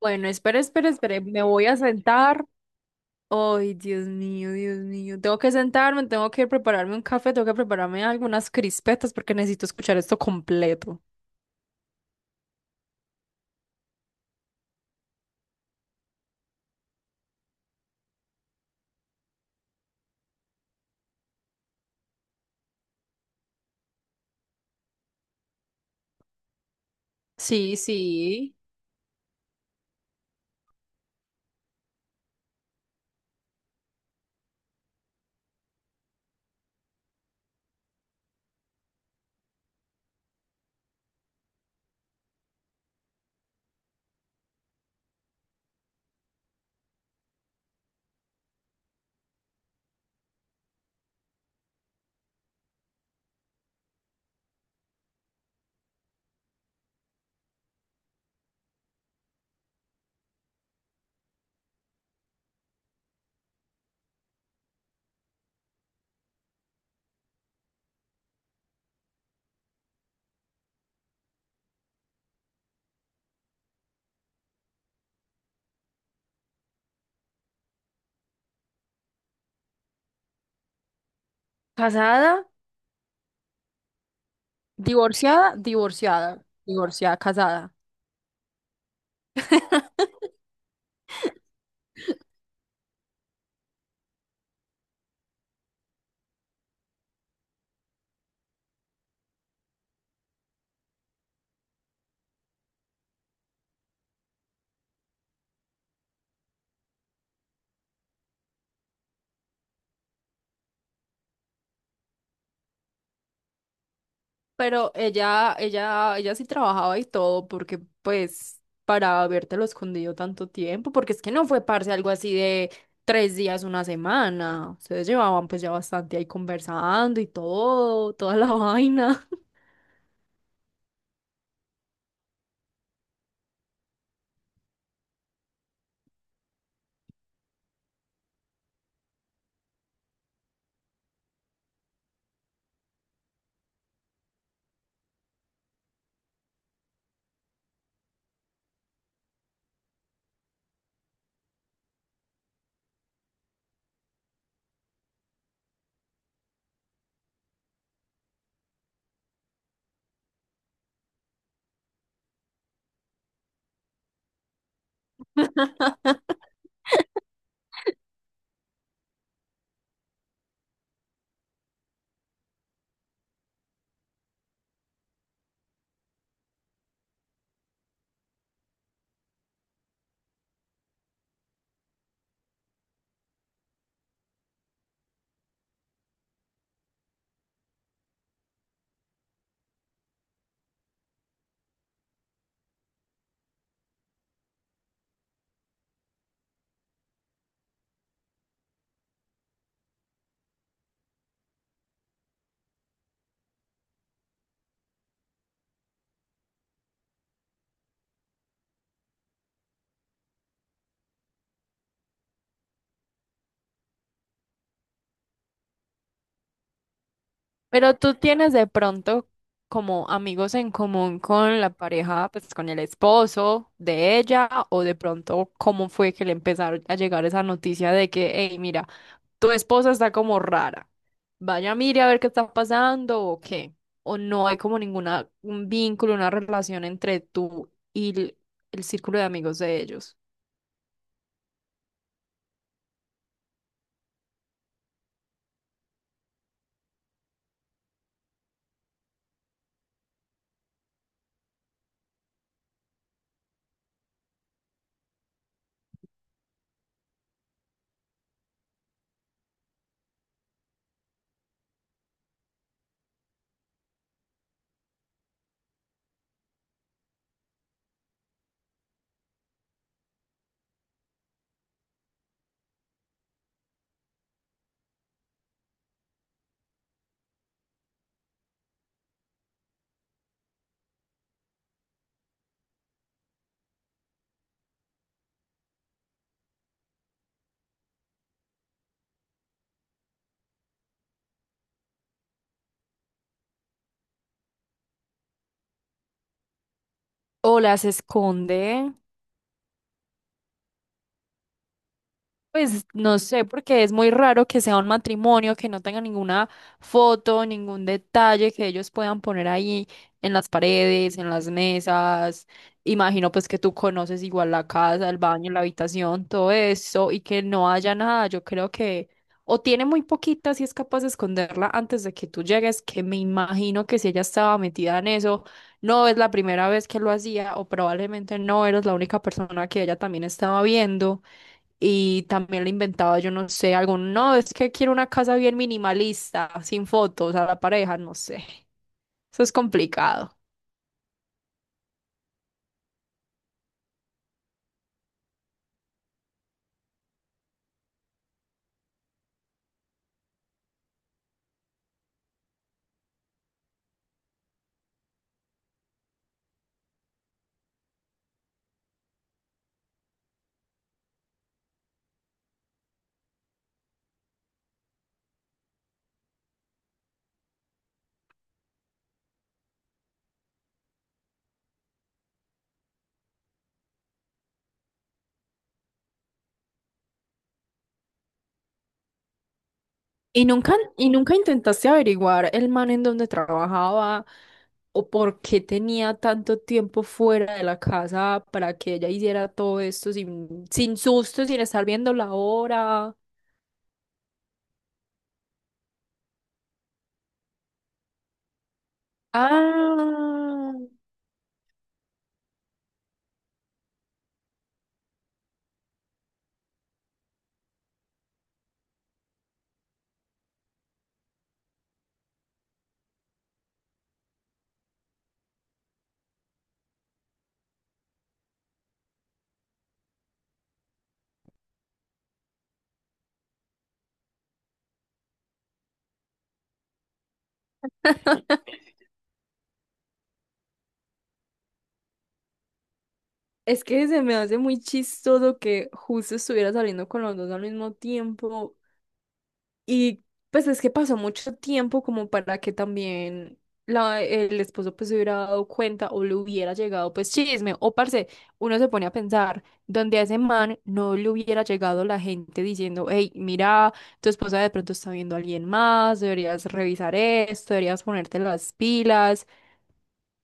Bueno, espere, espere, espere. Me voy a sentar. Ay, Dios mío, Dios mío. Tengo que sentarme, tengo que prepararme un café, tengo que prepararme algunas crispetas porque necesito escuchar esto completo. Sí, sí. Casada, divorciada, divorciada, divorciada, casada. Pero ella sí trabajaba y todo, porque pues para habértelo escondido tanto tiempo, porque es que no fue parce algo así de tres días, una semana. Ustedes llevaban pues ya bastante ahí conversando y todo, toda la vaina. Pero tú tienes de pronto como amigos en común con la pareja, pues con el esposo de ella, o de pronto cómo fue que le empezaron a llegar esa noticia de que, hey, mira, tu esposa está como rara. Vaya, mire a ver qué está pasando o qué. O no hay como ninguna un vínculo, una relación entre tú y el círculo de amigos de ellos. O las esconde. Pues no sé, porque es muy raro que sea un matrimonio, que no tenga ninguna foto, ningún detalle que ellos puedan poner ahí en las paredes, en las mesas. Imagino pues que tú conoces igual la casa, el baño, la habitación, todo eso, y que no haya nada. Yo creo que o tiene muy poquita si es capaz de esconderla antes de que tú llegues, que me imagino que si ella estaba metida en eso, no es la primera vez que lo hacía o probablemente no eres la única persona que ella también estaba viendo. Y también le inventaba, yo no sé, algo no, es que quiero una casa bien minimalista, sin fotos a la pareja, no sé. Eso es complicado. Y nunca intentaste averiguar el man en donde trabajaba o por qué tenía tanto tiempo fuera de la casa para que ella hiciera todo esto sin, sin susto, sin estar viendo la hora? Ah, es que se me hace muy chistoso que justo estuviera saliendo con los dos al mismo tiempo. Y pues es que pasó mucho tiempo como para que también el esposo pues se hubiera dado cuenta o le hubiera llegado pues chisme. O parce, uno se pone a pensar, donde a ese man no le hubiera llegado la gente diciendo, hey, mira, tu esposa de pronto está viendo a alguien más, deberías revisar esto, deberías ponerte las pilas.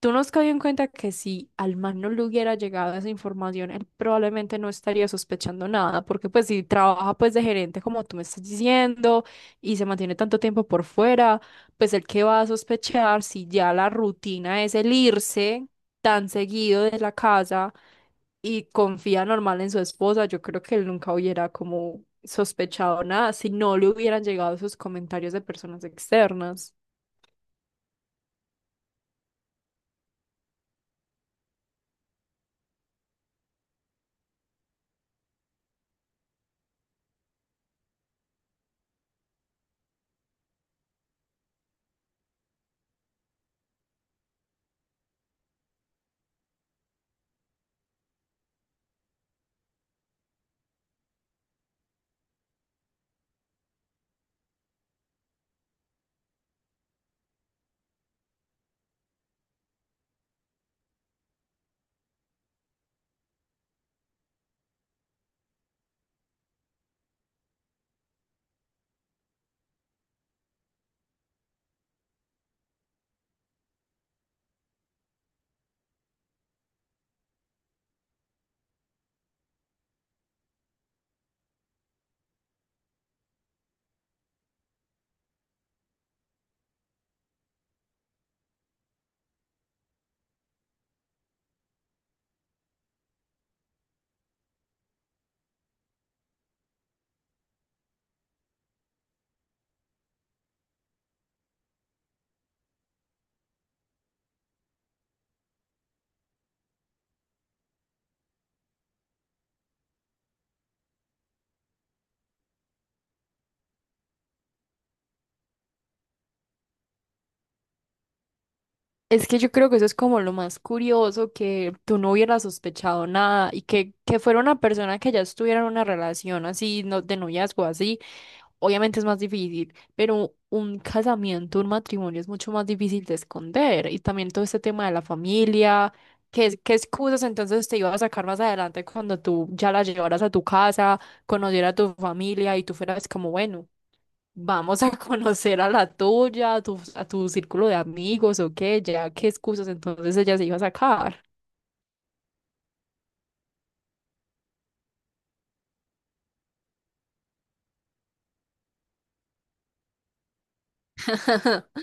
¿Tú no has caído en cuenta que si al man no le hubiera llegado esa información, él probablemente no estaría sospechando nada, porque pues si trabaja pues de gerente como tú me estás diciendo y se mantiene tanto tiempo por fuera, pues el que va a sospechar si ya la rutina es el irse tan seguido de la casa y confía normal en su esposa? Yo creo que él nunca hubiera como sospechado nada si no le hubieran llegado esos comentarios de personas externas. Es que yo creo que eso es como lo más curioso, que tú no hubieras sospechado nada y que fuera una persona que ya estuviera en una relación así, no, de noviazgo así, obviamente es más difícil, pero un casamiento, un matrimonio es mucho más difícil de esconder, y también todo este tema de la familia, qué excusas entonces te iba a sacar más adelante cuando tú ya la llevaras a tu casa, conocieras a tu familia y tú fueras como, bueno. Vamos a conocer a la tuya, a a tu círculo de amigos o qué, ya qué excusas entonces ella se iba a sacar.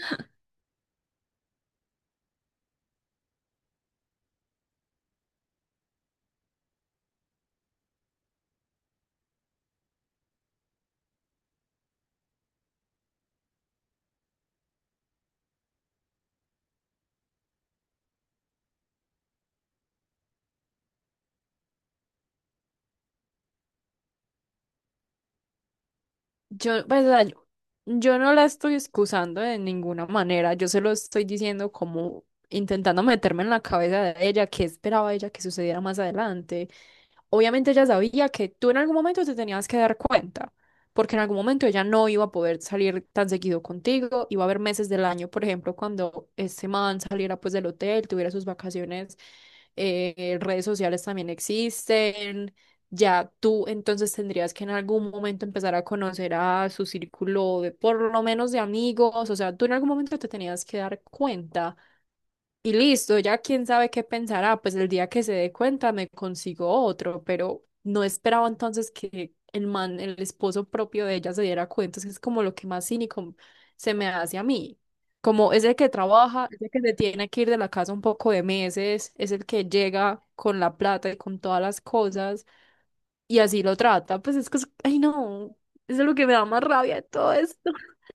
Yo, pues, o sea, Yo no la estoy excusando de ninguna manera, yo se lo estoy diciendo como intentando meterme en la cabeza de ella, qué esperaba ella que sucediera más adelante. Obviamente ella sabía que tú en algún momento te tenías que dar cuenta, porque en algún momento ella no iba a poder salir tan seguido contigo, iba a haber meses del año, por ejemplo, cuando ese man saliera pues del hotel, tuviera sus vacaciones, redes sociales también existen, ya tú entonces tendrías que en algún momento empezar a conocer a su círculo de por lo menos de amigos, o sea, tú en algún momento te tenías que dar cuenta y listo, ya quién sabe qué pensará, pues el día que se dé cuenta me consigo otro, pero no esperaba entonces que el man, el esposo propio de ella se diera cuenta, entonces es como lo que más cínico se me hace a mí, como es el que trabaja, es el que se tiene que ir de la casa un poco de meses, es el que llega con la plata y con todas las cosas y así lo trata, pues es que, ay no, eso es lo que me da más rabia de todo esto.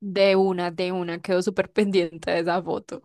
De una, quedo súper pendiente de esa foto.